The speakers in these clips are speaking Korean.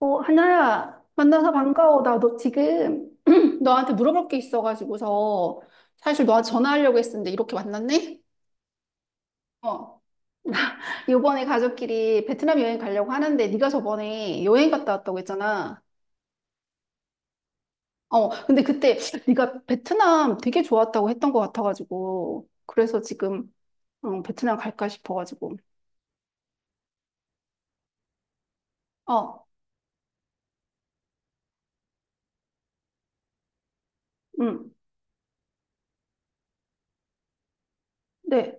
어, 하나야, 만나서 반가워. 나 너 지금 너한테 물어볼 게 있어가지고서 사실 너한테 전화하려고 했었는데 이렇게 만났네? 어. 이번에 가족끼리 베트남 여행 가려고 하는데 네가 저번에 여행 갔다 왔다고 했잖아. 어, 근데 그때 네가 베트남 되게 좋았다고 했던 것 같아가지고 그래서 지금 베트남 갈까 싶어가지고. 어, 응, 네.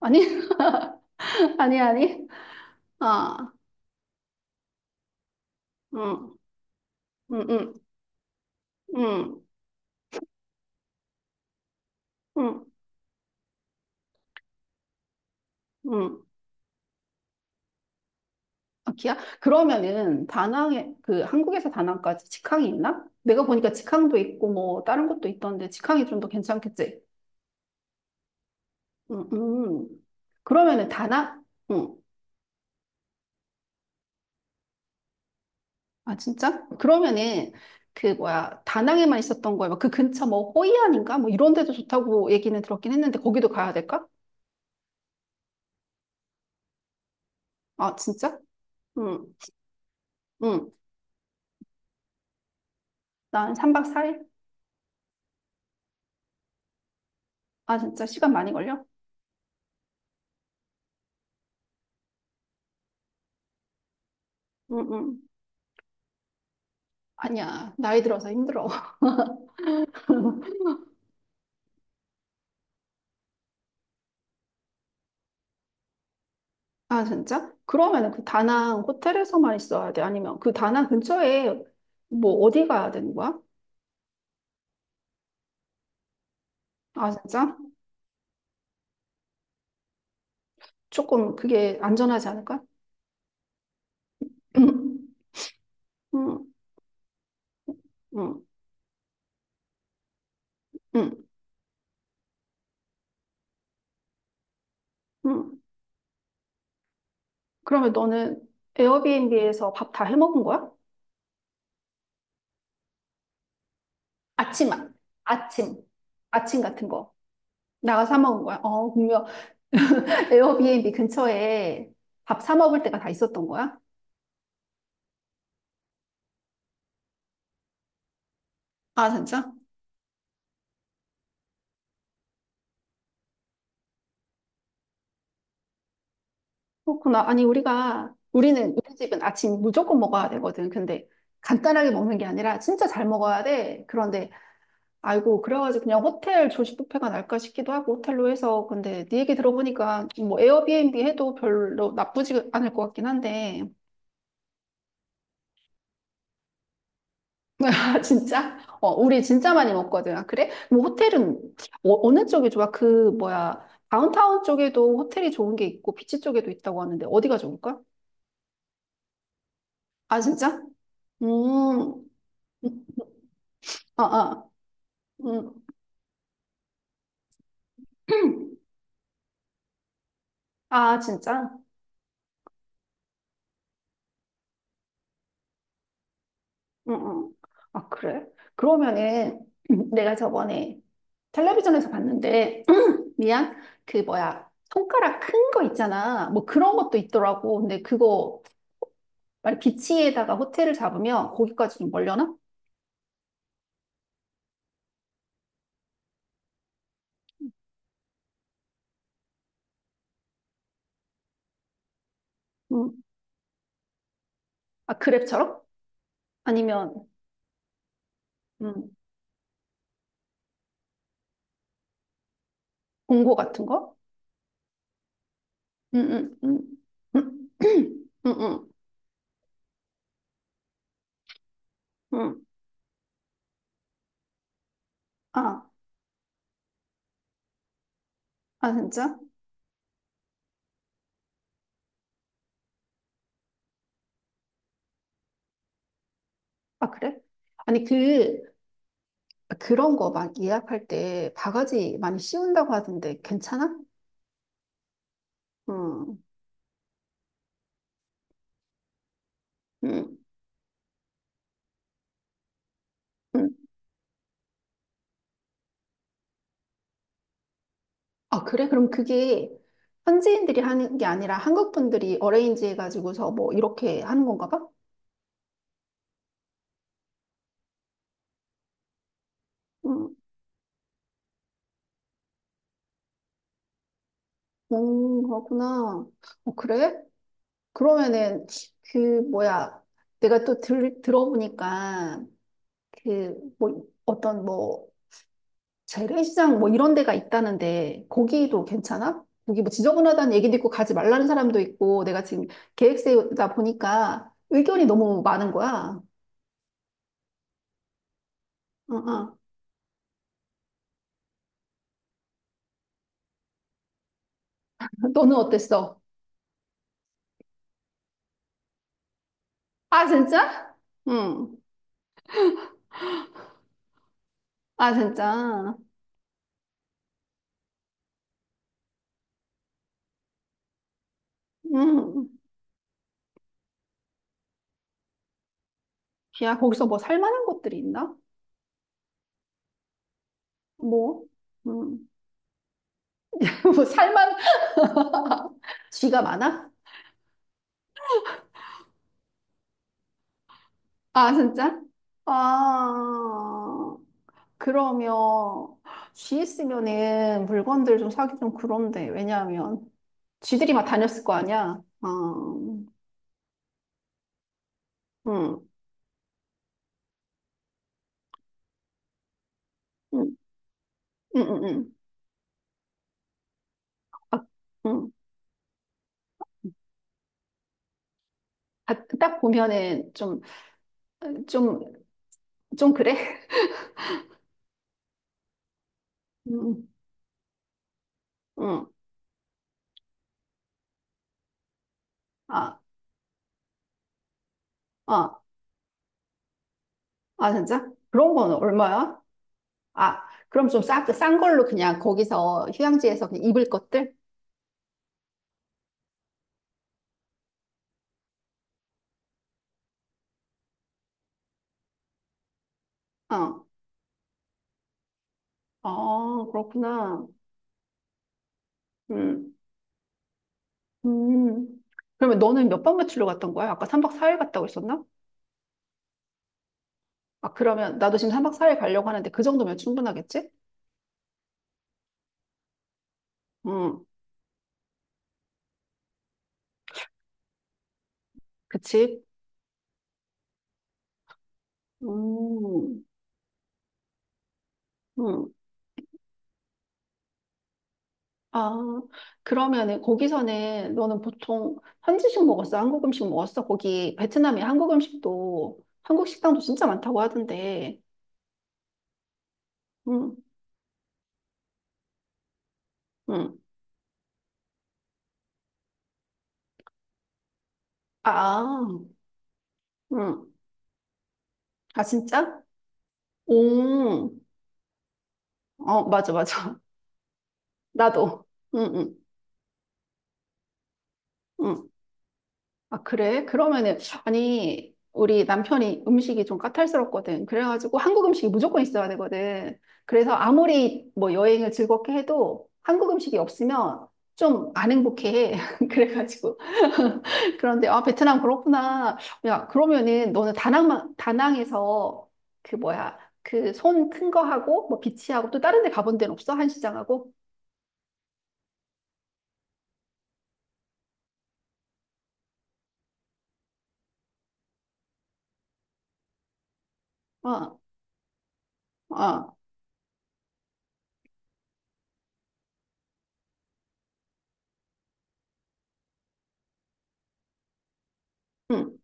아니, 아니, 아니. 아, 응, 응, 응, 응, 응, 응. 아, 기아? 그러면은 다낭에 그 한국에서 다낭까지 직항이 있나? 내가 보니까 직항도 있고 뭐 다른 것도 있던데 직항이 좀 더 괜찮겠지? 음, 음. 그러면은 다낭? 응. 아 진짜? 그러면은 그 뭐야, 다낭에만 있었던 거야? 뭐 그 근처 뭐 호이안인가? 뭐 이런 데도 좋다고 얘기는 들었긴 했는데 거기도 가야 될까? 아 진짜? 응. 응. 난 3박 4일? 아 진짜 시간 많이 걸려? 응, 응. 아니야. 나이 들어서 힘들어. 아, 진짜? 그러면 그 다낭 호텔에서만 있어야 돼? 아니면 그 다낭 근처에 뭐 어디 가야 되는 거야? 아, 진짜? 조금 그게 안전하지 않을까? 응, 응, 응, 응. 응. 그러면 너는 에어비앤비에서 밥 다 해 먹은 거야? 아침만. 아침. 아침 같은 거. 나가서 사 먹은 거야? 어, 분명 에어비앤비 근처에 밥 사 먹을 때가 다 있었던 거야? 아, 진짜? 그렇구나. 아니, 우리 집은 아침 무조건 먹어야 되거든. 근데 간단하게 먹는 게 아니라 진짜 잘 먹어야 돼. 그런데, 아이고, 그래가지고 그냥 호텔 조식 뷔페가 날까 싶기도 하고, 호텔로 해서. 근데 네 얘기 들어보니까 뭐 에어비앤비 해도 별로 나쁘지 않을 것 같긴 한데. 아, 진짜? 어, 우리 진짜 많이 먹거든. 아, 그래? 뭐 호텔은 어, 어느 쪽이 좋아? 그, 뭐야, 다운타운 쪽에도 호텔이 좋은 게 있고, 비치 쪽에도 있다고 하는데, 어디가 좋을까? 아, 진짜? 음. 음. 아, 아. 음. 아, 진짜? 응, 응. 아, 그래? 그러면은 내가 저번에 텔레비전에서 봤는데, 미안, 그 뭐야, 손가락 큰 거 있잖아. 뭐 그런 것도 있더라고. 근데 그거, 만약 비치에다가 호텔을 잡으면 거기까지 좀 멀려나? 응. 아, 그랩처럼? 아니면, 음, 공고 같은 거? 응, 응, 응. 응, 응, 응. 응. 아, 아, 진짜? 아, 그래? 아니, 그, 그런 거 막 예약할 때 바가지 많이 씌운다고 하던데 괜찮아? 응. 응, 응. 아, 그래? 그럼 그게 현지인들이 하는 게 아니라 한국 분들이 어레인지 해가지고서 뭐 이렇게 하는 건가 봐? 응, 그렇구나. 어, 그래? 그러면은 그 뭐야? 내가 또 들어보니까 그 뭐 어떤 뭐 재래시장 뭐 이런 데가 있다는데 거기도 괜찮아? 거기 뭐 지저분하다는 얘기도 있고 가지 말라는 사람도 있고 내가 지금 계획 세우다 보니까 의견이 너무 많은 거야. 어, 어. 너는 어땠어? 아 진짜? 응. 아 진짜. 응. 야 거기서 뭐 살만한 것들이 있나? 뭐? 응. 뭐 살만 쥐가 많아? 아 진짜? 아 그러면 쥐 있으면은 물건들 좀 사기 좀 그런데 왜냐하면 쥐들이 막 다녔을 거 아니야. 아, 음, 음, 음, 음. 아, 음. 아, 딱 보면은 좀, 좀, 좀 그래? 음, 음. 아, 아, 어, 아, 진짜? 그런 건 얼마야? 아, 그럼 싼 걸로 그냥 거기서 휴양지에서 그냥 입을 것들? 어, 아, 그렇구나. 응. 음. 그러면 너는 몇 박 며칠로 갔던 거야? 아까 3박 4일 갔다고 했었나? 아, 그러면 나도 지금 3박 4일 가려고 하는데 그 정도면 충분하겠지? 음, 그치? 음, 음. 아, 그러면은 거기서는 너는 보통 현지식 먹었어? 한국 음식 먹었어? 거기 베트남에 한국 음식도, 한국 식당도 진짜 많다고 하던데. 음, 음. 아, 음. 아, 진짜? 오, 어, 맞아, 맞아. 나도. 응, 응. 응. 아, 그래? 그러면은, 아니, 우리 남편이 음식이 좀 까탈스럽거든. 그래가지고 한국 음식이 무조건 있어야 되거든. 그래서 아무리 뭐 여행을 즐겁게 해도 한국 음식이 없으면 좀 안 행복해. 그래가지고. 그런데, 아, 베트남 그렇구나. 야, 그러면은 너는 다낭에서 그 뭐야, 그 손 큰 거 하고, 뭐 비치하고 또 다른 데 가본 데는 없어? 한시장하고? 어, 어, 응,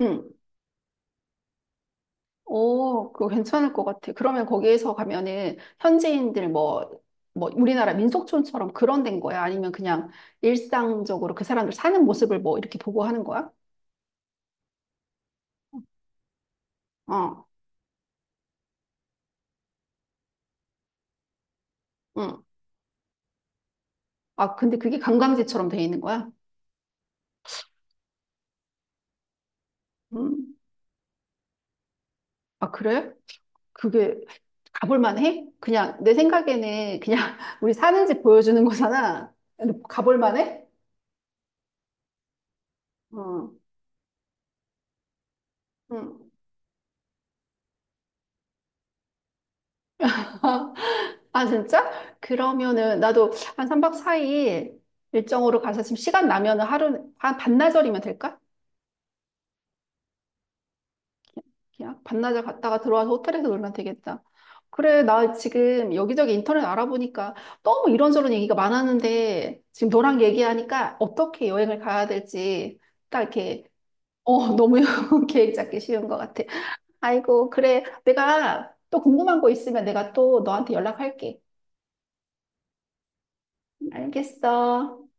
응. 오, 그거 괜찮을 것 같아. 그러면 거기에서 가면은 현지인들 뭐, 뭐 우리나라 민속촌처럼 그런 데인 거야? 아니면 그냥 일상적으로 그 사람들 사는 모습을 뭐 이렇게 보고 하는 거야? 어, 응. 아, 근데 그게 관광지처럼 돼 있는 거야? 음. 아, 그래? 그게 가볼 만해? 그냥 내 생각에는 그냥 우리 사는 집 보여주는 거잖아. 근데 가볼 만해? 어, 응. 아, 진짜? 그러면은 나도 한 3박 4일 일정으로 가서 지금 시간 나면은 하루, 한 반나절이면 될까? 그냥 반나절 갔다가 들어와서 호텔에서 놀면 되겠다. 그래, 나 지금 여기저기 인터넷 알아보니까 너무 이런저런 얘기가 많았는데 지금 너랑 얘기하니까 어떻게 여행을 가야 될지 딱 이렇게, 어, 너무 계획 잡기 쉬운 것 같아. 아이고, 그래. 내가 또 궁금한 거 있으면 내가 또 너한테 연락할게. 알겠어.